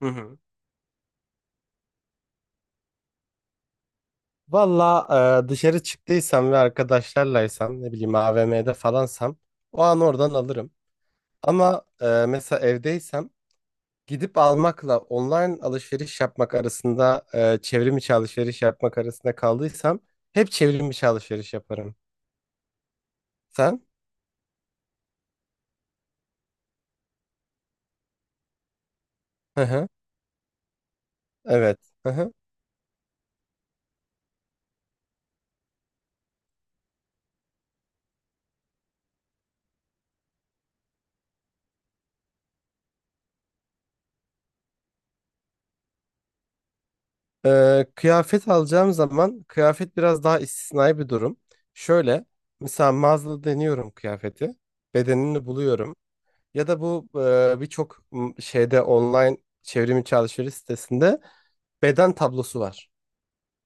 Hı hı. Valla dışarı çıktıysam ve arkadaşlarlaysam ne bileyim AVM'de falansam o an oradan alırım. Ama mesela evdeysem gidip almakla online alışveriş yapmak arasında çevrim içi alışveriş yapmak arasında kaldıysam hep çevrim içi alışveriş yaparım. Sen? Hı hı. Evet. Hı hı. Kıyafet alacağım zaman kıyafet biraz daha istisnai bir durum. Şöyle mesela mağazada deniyorum kıyafeti. Bedenini buluyorum. Ya da bu birçok şeyde online çevrim içi alışveriş sitesinde beden tablosu var.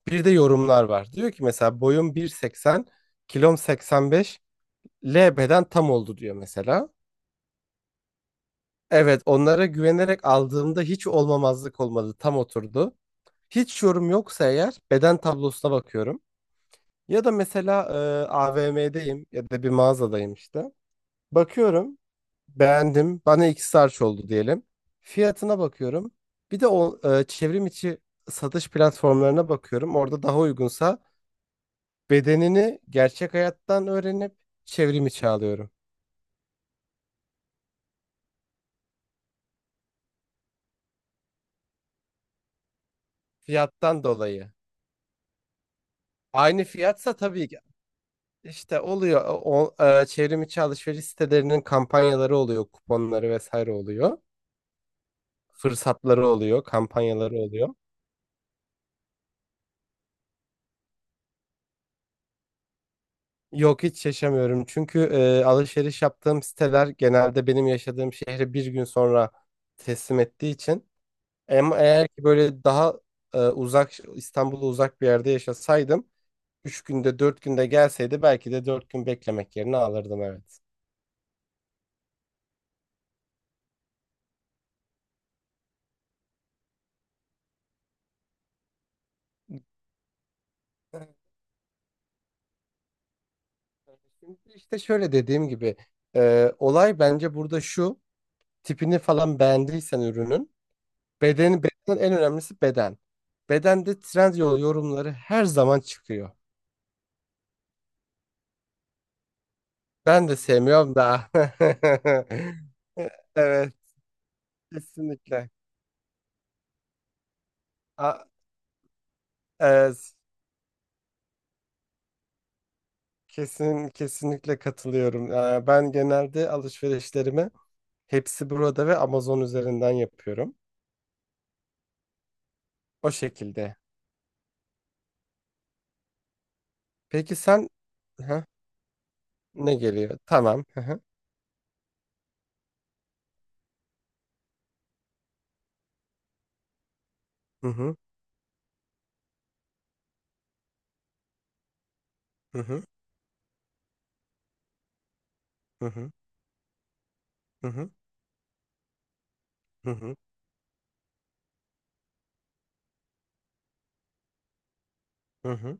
Bir de yorumlar var. Diyor ki mesela boyum 1.80, kilom 85, L beden tam oldu diyor mesela. Evet, onlara güvenerek aldığımda hiç olmamazlık olmadı, tam oturdu. Hiç yorum yoksa eğer beden tablosuna bakıyorum. Ya da mesela AVM'deyim ya da bir mağazadayım işte. Bakıyorum. Beğendim. Bana iki sarç oldu diyelim. Fiyatına bakıyorum. Bir de o çevrim içi satış platformlarına bakıyorum. Orada daha uygunsa bedenini gerçek hayattan öğrenip çevrim içi alıyorum. Fiyattan dolayı. Aynı fiyatsa tabii ki işte oluyor. O, çevrim içi alışveriş sitelerinin kampanyaları oluyor, kuponları vesaire oluyor. Fırsatları oluyor, kampanyaları oluyor. Yok, hiç yaşamıyorum. Çünkü alışveriş yaptığım siteler genelde benim yaşadığım şehri bir gün sonra teslim ettiği için. Ama eğer ki böyle daha uzak, İstanbul'a uzak bir yerde yaşasaydım 3 günde 4 günde gelseydi belki de 4 gün beklemek yerine alırdım, evet. Evet, evet. Şimdi işte şöyle dediğim gibi olay bence burada şu: tipini falan beğendiysen ürünün bedeni, beden en önemlisi beden. Bedende Trendyol yorumları her zaman çıkıyor. Ben de sevmiyorum da. Evet, kesinlikle. A- e, kesinlikle katılıyorum. Ben genelde alışverişlerimi hepsi burada ve Amazon üzerinden yapıyorum. O şekilde. Peki sen, Hı, ne geliyor? Tamam. Hı hı. Hı hı. Hı hı. Hı hı. Hı hı. Hı hı. Hı hı.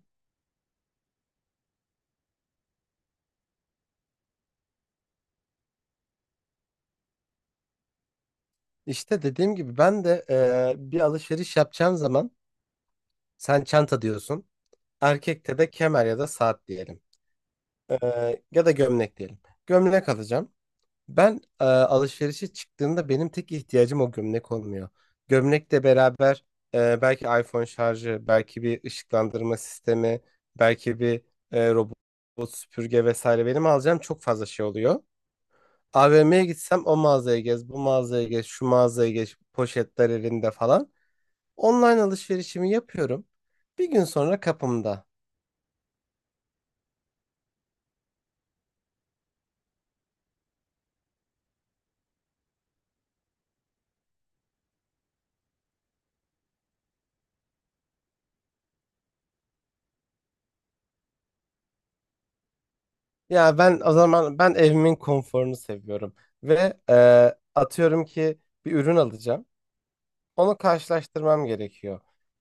İşte dediğim gibi ben de bir alışveriş yapacağım zaman sen çanta diyorsun. Erkekte de kemer ya da saat diyelim. Ya da gömlek diyelim. Gömlek alacağım. Ben alışverişe çıktığımda benim tek ihtiyacım o gömlek olmuyor. Gömlekle beraber belki iPhone şarjı, belki bir ışıklandırma sistemi, belki bir robot süpürge vesaire, benim alacağım çok fazla şey oluyor. AVM'ye gitsem o mağazaya gez, bu mağazaya gez, şu mağazaya gez, poşetler elinde falan. Online alışverişimi yapıyorum. Bir gün sonra kapımda. Ya ben, o zaman ben evimin konforunu seviyorum ve atıyorum ki bir ürün alacağım. Onu karşılaştırmam gerekiyor.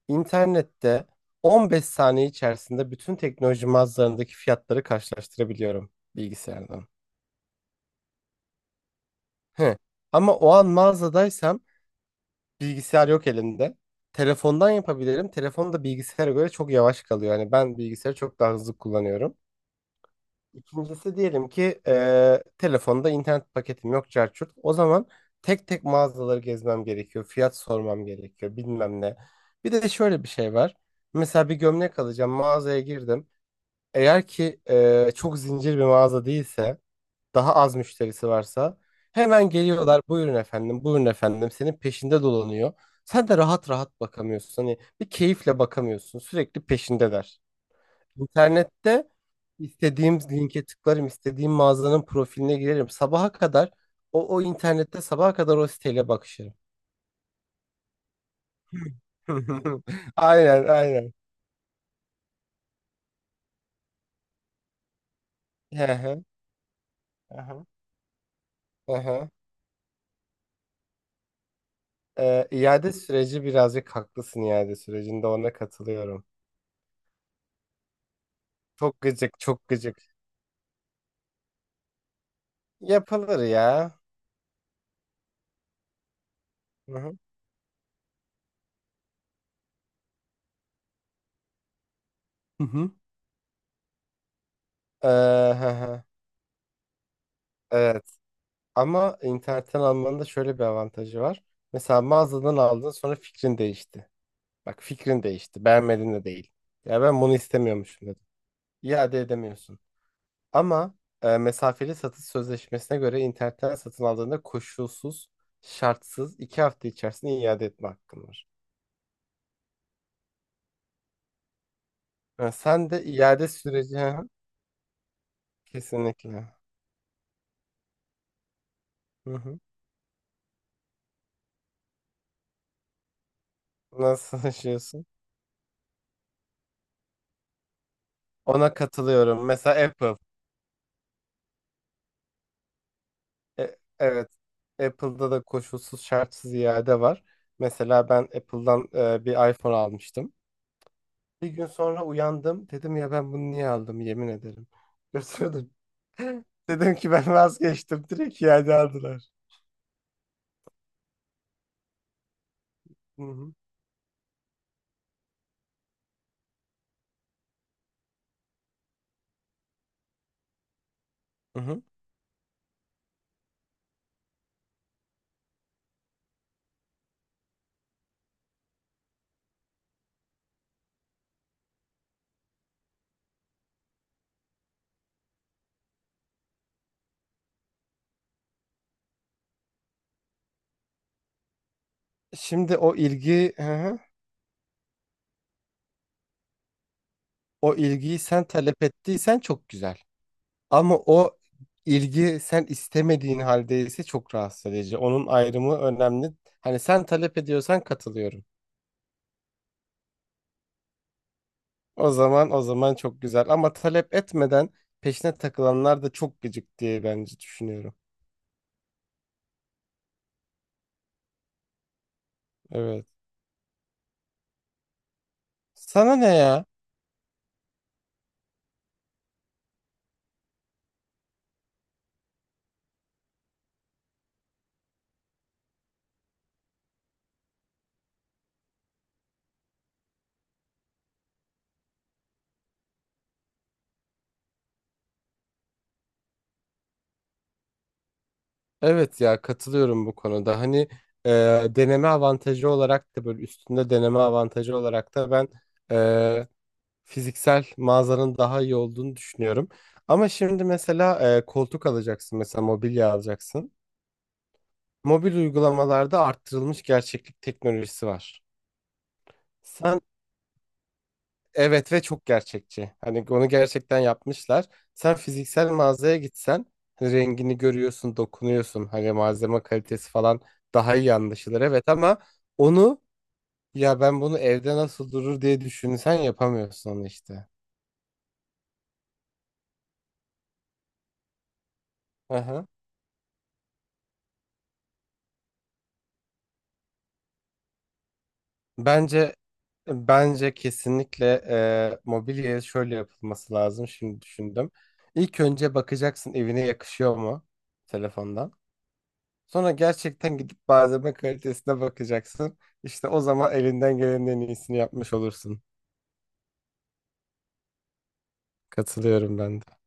İnternette 15 saniye içerisinde bütün teknoloji mağazalarındaki fiyatları karşılaştırabiliyorum, bilgisayardan. Hı. Ama o an mağazadaysam bilgisayar yok elimde. Telefondan yapabilirim. Telefon da bilgisayara göre çok yavaş kalıyor. Yani ben bilgisayarı çok daha hızlı kullanıyorum. İkincisi, diyelim ki telefonda internet paketim yok çarçurt. O zaman tek tek mağazaları gezmem gerekiyor. Fiyat sormam gerekiyor bilmem ne. Bir de şöyle bir şey var. Mesela bir gömlek alacağım, mağazaya girdim. Eğer ki çok zincir bir mağaza değilse, daha az müşterisi varsa hemen geliyorlar, buyurun efendim buyurun efendim senin peşinde dolanıyor. Sen de rahat rahat bakamıyorsun. Hani bir keyifle bakamıyorsun, sürekli peşindeler. İnternette istediğim linke tıklarım, istediğim mağazanın profiline girerim. Sabaha kadar o internette sabaha kadar o siteyle bakışırım. Aynen, aynen. Hı hı, hı hı, hı hı. İade süreci birazcık haklısın, iade sürecinde ona katılıyorum. Çok gıcık, çok gıcık. Yapılır ya. Hı hı. Hı hı. Ee, hı hı. Evet. Ama internetten almanın da şöyle bir avantajı var. Mesela mağazadan aldın sonra fikrin değişti. Bak, fikrin değişti. Beğenmedin de değil. Ya, ben bunu istemiyormuşum dedim. İade edemiyorsun. Ama mesafeli satış sözleşmesine göre internetten satın aldığında koşulsuz, şartsız 2 hafta içerisinde iade etme hakkın var. Ha, sen de iade süreci. Hı. Kesinlikle. Hı hı. Nasıl yaşıyorsun? Ona katılıyorum. Mesela Apple. Evet. Apple'da da koşulsuz şartsız iade var. Mesela ben Apple'dan bir iPhone almıştım. Bir gün sonra uyandım. Dedim, ya ben bunu niye aldım, yemin ederim. Götürdüm. Dedim ki ben vazgeçtim. Direkt iade aldılar. Hı hı. Hı hı. Şimdi o ilgi, hı hı. O ilgiyi sen talep ettiysen çok güzel. Ama o ilgi sen istemediğin halde ise çok rahatsız edici. Onun ayrımı önemli. Hani sen talep ediyorsan katılıyorum. O zaman çok güzel. Ama talep etmeden peşine takılanlar da çok gıcık diye bence düşünüyorum. Evet. Sana ne ya? Evet ya, katılıyorum bu konuda. Hani e, deneme avantajı olarak da, böyle üstünde deneme avantajı olarak da ben e, fiziksel mağazanın daha iyi olduğunu düşünüyorum. Ama şimdi mesela koltuk alacaksın, mesela mobilya alacaksın. Mobil uygulamalarda arttırılmış gerçeklik teknolojisi var. Sen. Evet, ve çok gerçekçi. Hani onu gerçekten yapmışlar. Sen fiziksel mağazaya gitsen hani rengini görüyorsun, dokunuyorsun. Hani malzeme kalitesi falan daha iyi anlaşılır. Evet, ama onu, ya ben bunu evde nasıl durur diye düşünsen yapamıyorsun onu işte. Aha. Bence bence kesinlikle mobilyaya şöyle yapılması lazım. Şimdi düşündüm. İlk önce bakacaksın evine yakışıyor mu, telefondan. Sonra gerçekten gidip malzeme kalitesine bakacaksın. İşte o zaman elinden gelenin en iyisini yapmış olursun. Katılıyorum ben de.